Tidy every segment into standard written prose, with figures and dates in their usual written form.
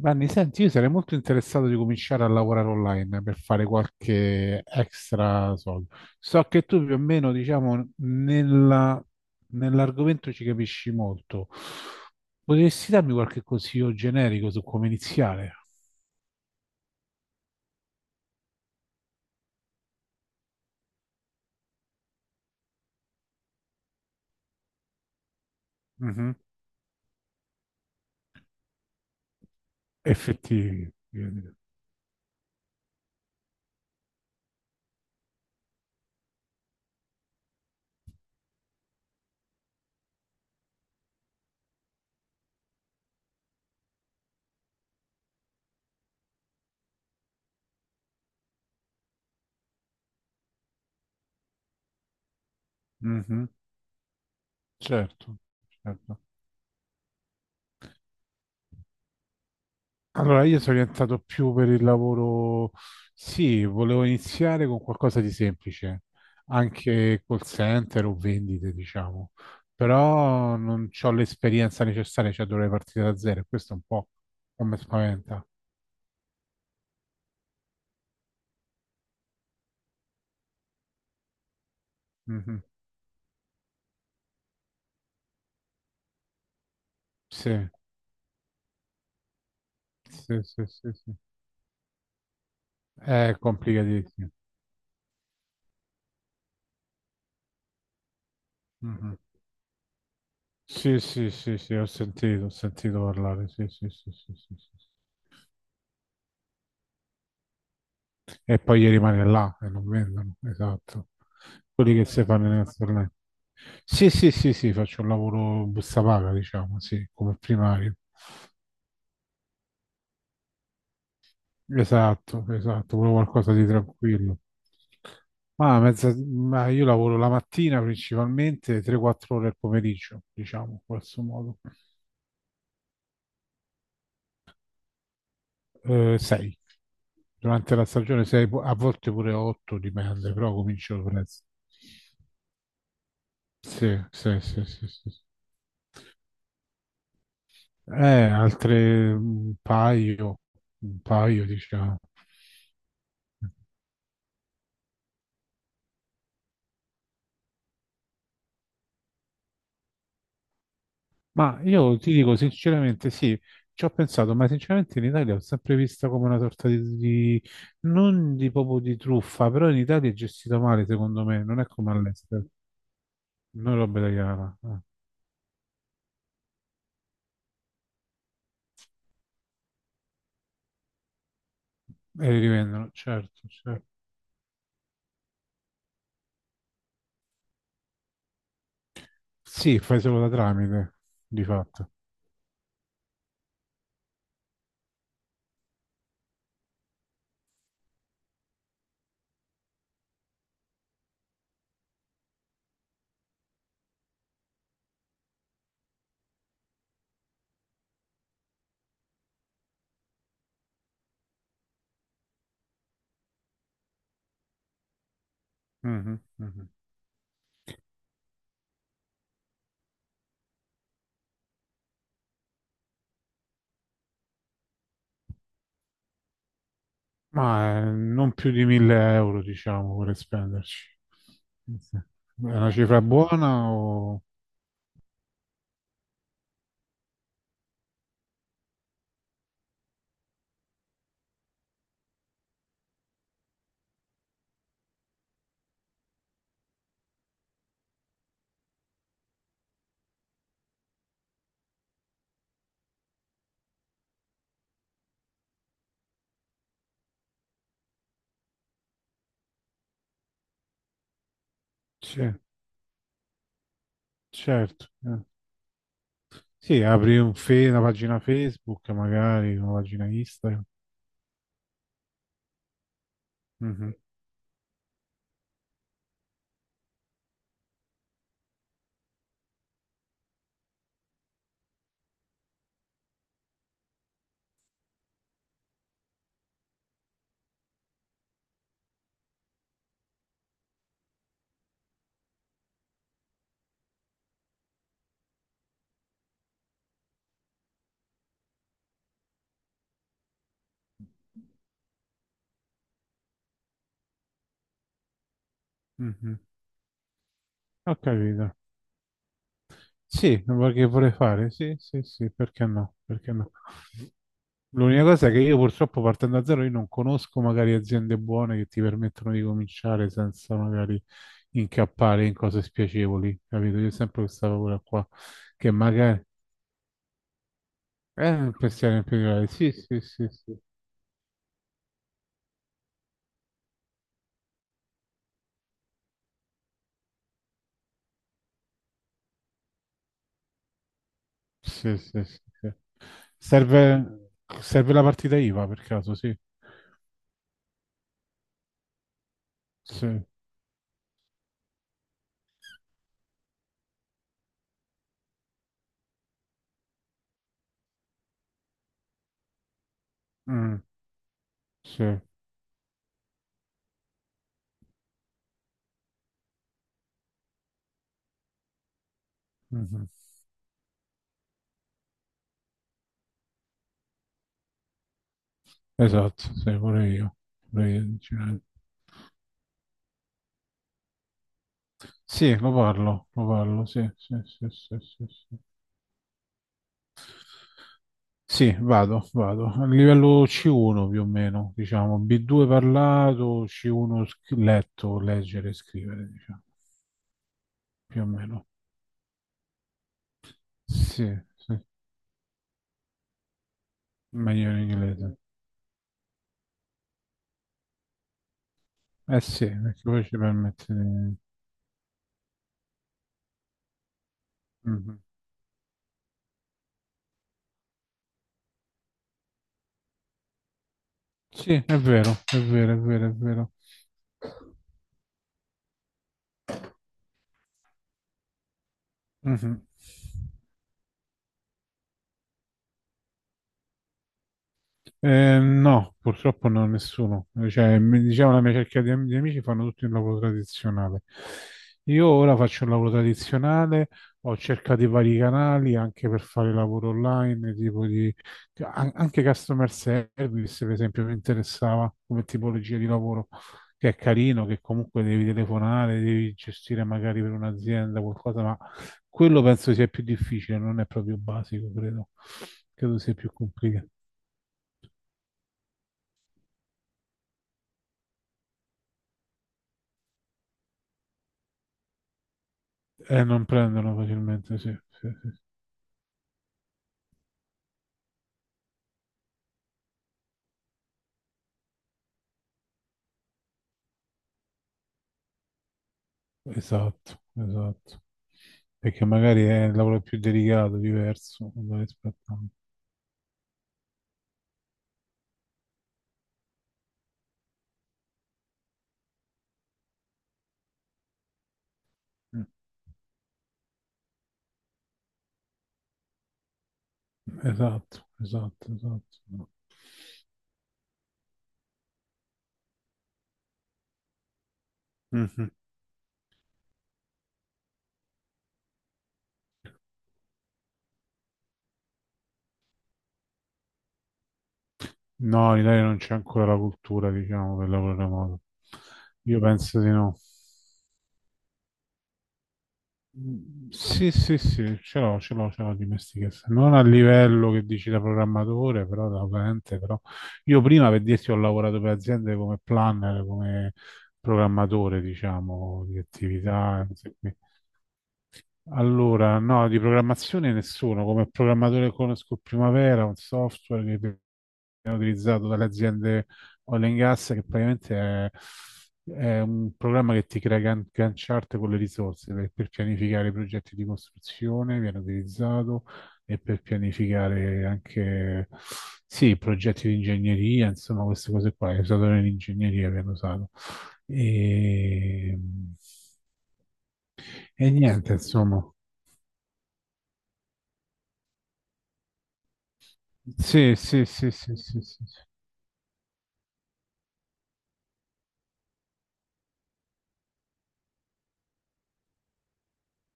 Vanni, senti, io sarei molto interessato di cominciare a lavorare online per fare qualche extra soldo. So che tu più o meno, diciamo, nell'argomento ci capisci molto. Potresti darmi qualche consiglio generico su come iniziare? Mhm. Effettivi, voglio dire. Mhm. Certo, certo. Allora, io sono orientato più per il lavoro, sì, volevo iniziare con qualcosa di semplice, anche call center o vendite, diciamo, però non ho l'esperienza necessaria, cioè dovrei partire da zero, e questo è un po' come spaventa. Mhm. Sì, sì, sì, sì, sì. È complicatissimo. Mhm. Sì, sì, sì, sì, ho sentito parlare, sì, sì, sì, sì, sì, sì. E poi gli rimane là e non vendono, esatto. Quelli che si fanno in Estornello. Sì, sì, sì, sì, faccio un lavoro busta paga, diciamo, sì, come primario. Esatto, esatto, proprio qualcosa di tranquillo. Ma, ma io lavoro la mattina principalmente, 3-4 ore al pomeriggio, diciamo, in questo modo. 6. Durante la stagione 6, a volte pure 8, dipende, però comincio presto. Sì, sì, sì, sì, sì. Altre un paio, diciamo. Ma io ti dico sinceramente, sì, ci ho pensato, ma sinceramente in Italia l'ho sempre vista come una sorta di non di proprio di truffa, però in Italia è gestita male, secondo me, non è come all'estero. Noi roba italiana, eh. E li rivendono, certo, certo. Sì, fai solo da tramite, di fatto. Mhm, mhm. Ma non più di 1000 euro, diciamo, per spenderci. Sì. È una cifra buona o... Sì, certo, eh. Sì, apri un una pagina Facebook, magari una pagina Instagram. Mhm, mhm. Ho capito. Sì, che vorrei fare? Sì, sì, sì, perché no? Perché no? L'unica cosa è che io purtroppo partendo da zero, io non conosco magari aziende buone che ti permettono di cominciare senza magari incappare in cose spiacevoli, capito? Io sempre questa paura qua, che magari... pensiamo in più di là. Sì, sì, sì, sì. Sì, sì, sì, sì. Serve, serve la partita IVA per caso, sì. Sì, mm, sì. Mhm. Esatto, sì, pure io. Pure io, sinceramente. Sì, lo parlo, sì, sì, sì, sì, sì, sì. Sì, vado, vado. A livello C1 più o meno, diciamo. B2 parlato, C1 letto, leggere e scrivere, diciamo, più o meno. Sì, sì, meglio in inglese. Eh sì, perché poi ci permette di... Mhm. Sì, è vero, è vero, è vero, è vero. Mhm. No, purtroppo no, nessuno. Cioè, mi diceva la mia cerchia di, di amici fanno tutti un lavoro tradizionale. Io ora faccio un lavoro tradizionale, ho cercato i vari canali anche per fare lavoro online, tipo di anche customer service, per esempio, mi interessava come tipologia di lavoro, che è carino, che comunque devi telefonare, devi gestire magari per un'azienda qualcosa, ma quello penso sia più difficile, non è proprio basico, credo. Credo sia più complicato. E non prendono facilmente, sì, sì, sì, sì. Esatto, esatto. Perché magari è il lavoro più delicato, diverso da rispetto a... Mm, esatto, esatto, esatto. Mhm. No, in Italia non c'è ancora la cultura, diciamo, del lavoro remoto. Io penso di no. Mm, sì, sì, sì, ce l'ho, ce l'ho, ce l'ho dimestichezza. Non a livello che dici da programmatore, però da utente, però io prima per dirti ho lavorato per aziende come planner, come programmatore, diciamo, di attività, cose qui. Allora, no, di programmazione nessuno, come programmatore conosco Primavera, un software che utilizzato dalle aziende oil and gas, che praticamente è un programma che ti crea Gantt chart con le risorse per pianificare i progetti di costruzione, viene utilizzato e per pianificare anche sì, progetti di ingegneria, insomma, queste cose qua, è usato nell'ingegneria, viene usato. E, e niente, insomma. Sì, sì, sì, sì, sì, sì, sì.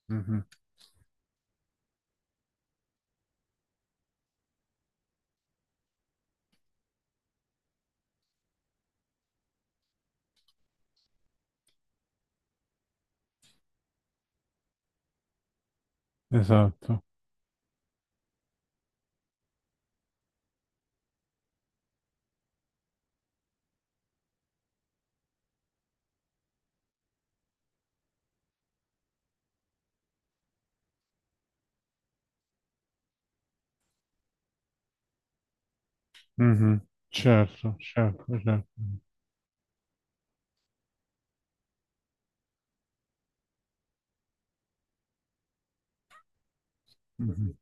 Mhm. Esatto. Mhm. Certo, certo, certo. Mhm.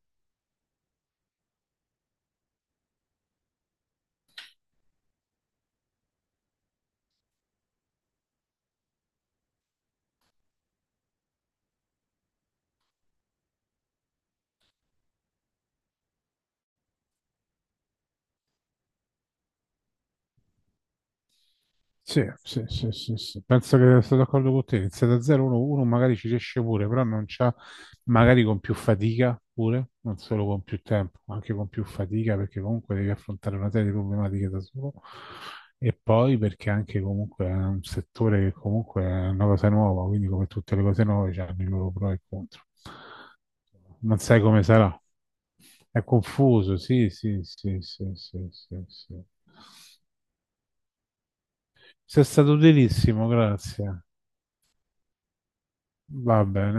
Sì, sì, sì, sì, sì. Penso che sono d'accordo con te. Iniziare da 0 1 uno magari ci riesce pure, però non c'ha, magari con più fatica pure, non solo con più tempo, ma anche con più fatica, perché comunque devi affrontare una serie di problematiche da solo. E poi perché anche comunque è un settore che comunque è una cosa nuova, quindi come tutte le cose nuove c'hanno i loro pro e contro. Non sai come sarà. È confuso, sì, sì, sì, sì, sì, sì, sì. Sei stato utilissimo, grazie. Vabbè,